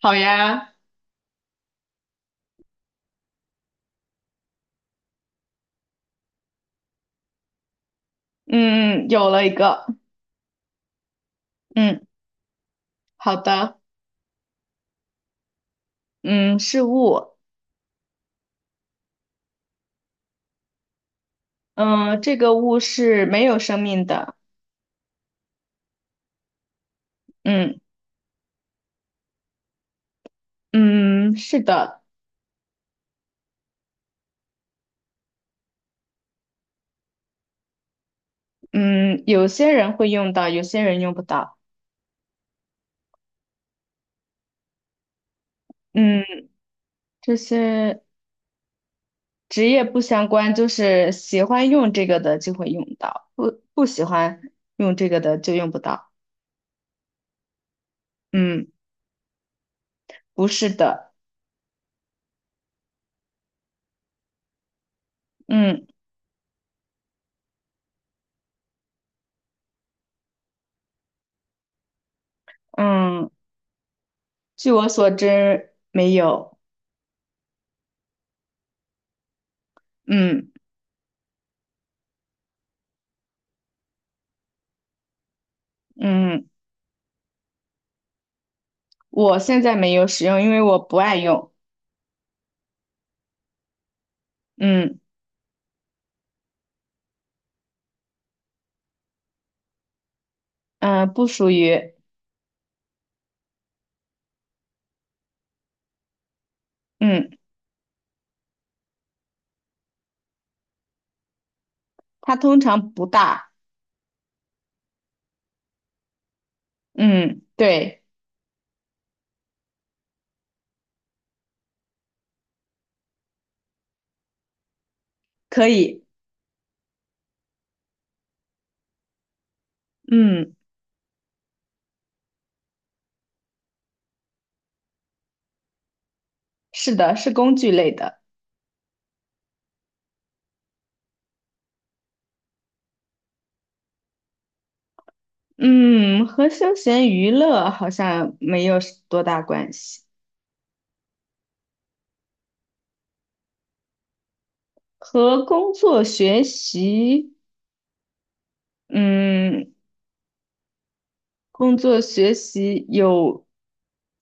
好呀，嗯，有了一个，嗯好的，嗯，是物，嗯，这个物是没有生命的，嗯嗯，是的，嗯，有些人会用到，有些人用不到，嗯，这些职业不相关，就是喜欢用这个的就会用到，不喜欢用这个的就用不到，嗯，不是的，嗯嗯，据我所知没有，嗯嗯。我现在没有使用，因为我不爱用。嗯嗯，不属于。嗯，它通常不大。嗯，对，可以。嗯，是的，是工具类的。嗯，和休闲娱乐好像没有多大关系，和工作学习，嗯，工作学习有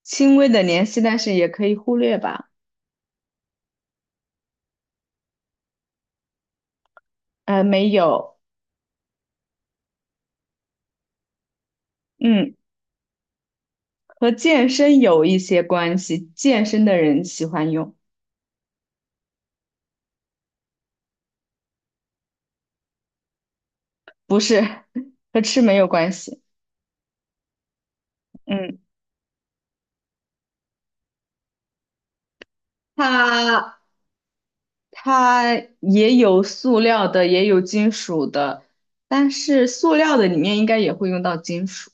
轻微的联系，但是也可以忽略吧。没有。嗯。和健身有一些关系，健身的人喜欢用，不是 和吃没有关系。嗯，它它也有塑料的，也有金属的，但是塑料的里面应该也会用到金属，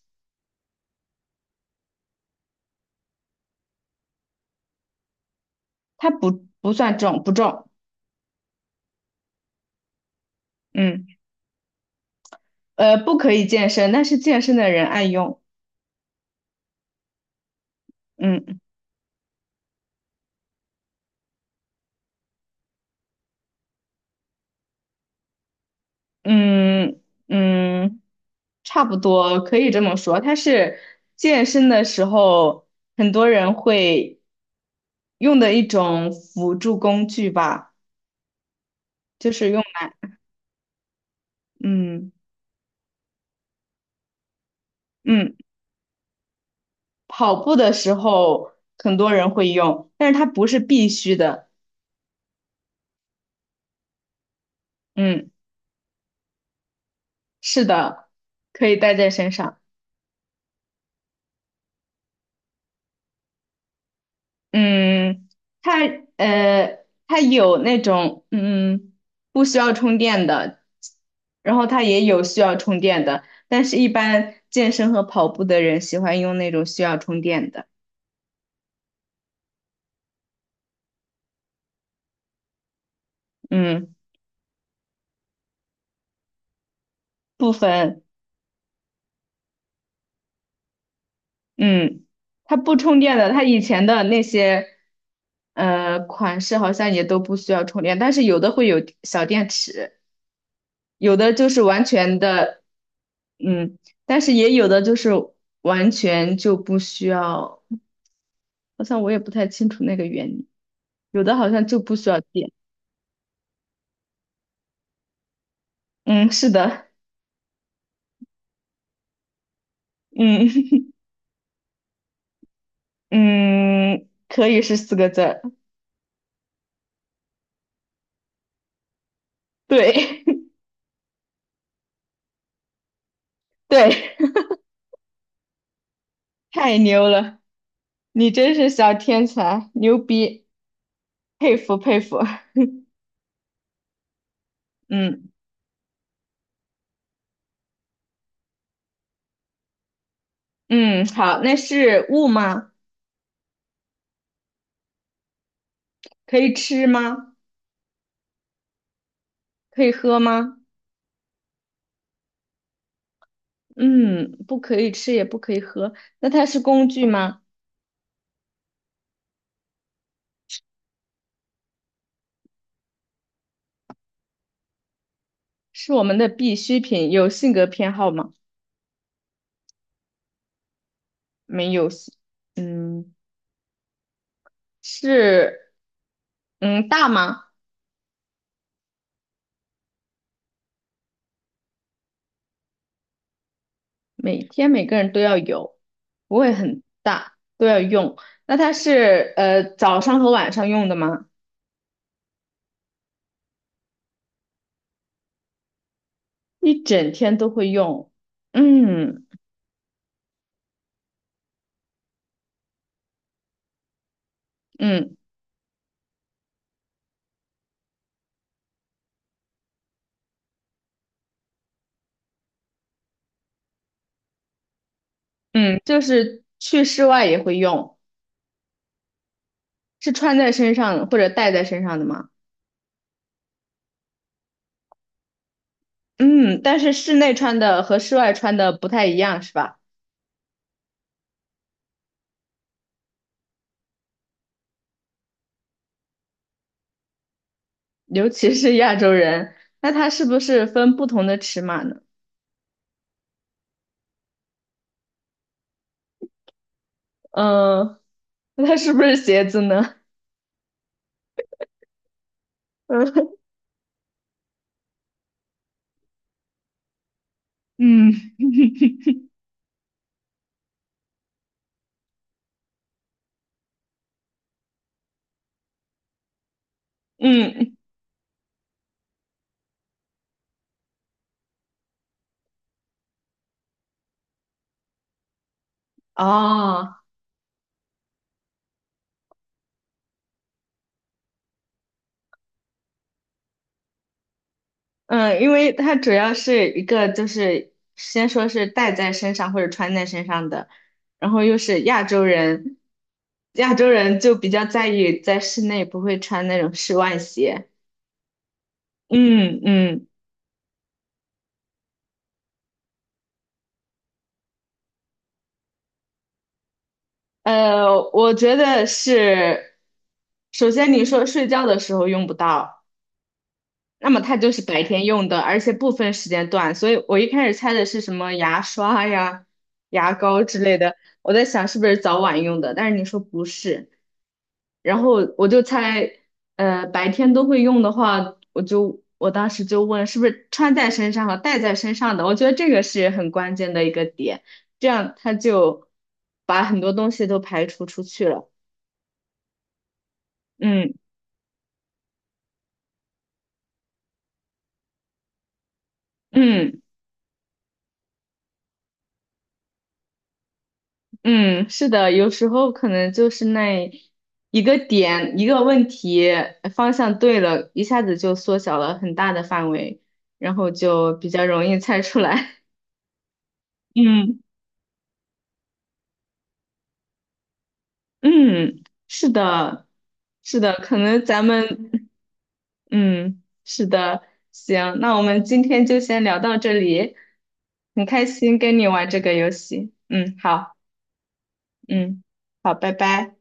它不算重，不重。嗯，不可以健身，但是健身的人爱用。嗯嗯嗯。差不多可以这么说。它是健身的时候，很多人会用的一种辅助工具吧，就是用来，嗯嗯，跑步的时候很多人会用，但是它不是必须的。嗯，是的，可以带在身上。嗯，它它有那种不需要充电的，然后它也有需要充电的，但是一般健身和跑步的人喜欢用那种需要充电的。嗯，部分，嗯，它不充电的，它以前的那些款式好像也都不需要充电，但是有的会有小电池。有的就是完全的，嗯，但是也有的就是完全就不需要，好像我也不太清楚那个原理，有的好像就不需要电，嗯，是的，嗯 嗯，可以是四个字儿对 对，太牛了，你真是小天才，牛逼，佩服佩服，嗯嗯，好，那是物吗？可以吃吗？可以喝吗？嗯，不可以吃，也不可以喝。那它是工具吗？是我们的必需品，有性格偏好吗？没有性嗯，是，嗯，大吗？每天每个人都要有，不会很大，都要用。那它是早上和晚上用的吗？一整天都会用。嗯嗯嗯，就是去室外也会用，是穿在身上或者戴在身上的吗？嗯，但是室内穿的和室外穿的不太一样，是吧？尤其是亚洲人，那它是不是分不同的尺码呢？嗯，那它是不是鞋子呢？嗯嗯，嗯，哦，嗯，因为它主要是一个就是先说是戴在身上或者穿在身上的，然后又是亚洲人，亚洲人就比较在意在室内不会穿那种室外鞋。嗯嗯。我觉得是，首先你说睡觉的时候用不到，那么它就是白天用的，而且不分时间段，所以我一开始猜的是什么牙刷呀、牙膏之类的，我在想是不是早晚用的，但是你说不是，然后我就猜，白天都会用的话，我当时就问是不是穿在身上和戴在身上的，我觉得这个是很关键的一个点，这样它就把很多东西都排除出去了，嗯。嗯嗯，是的，有时候可能就是那一个点，一个问题方向对了，一下子就缩小了很大的范围，然后就比较容易猜出来。嗯嗯，是的，是的，可能咱们嗯是的，行，那我们今天就先聊到这里，很开心跟你玩这个游戏。嗯，好，嗯，好，拜拜。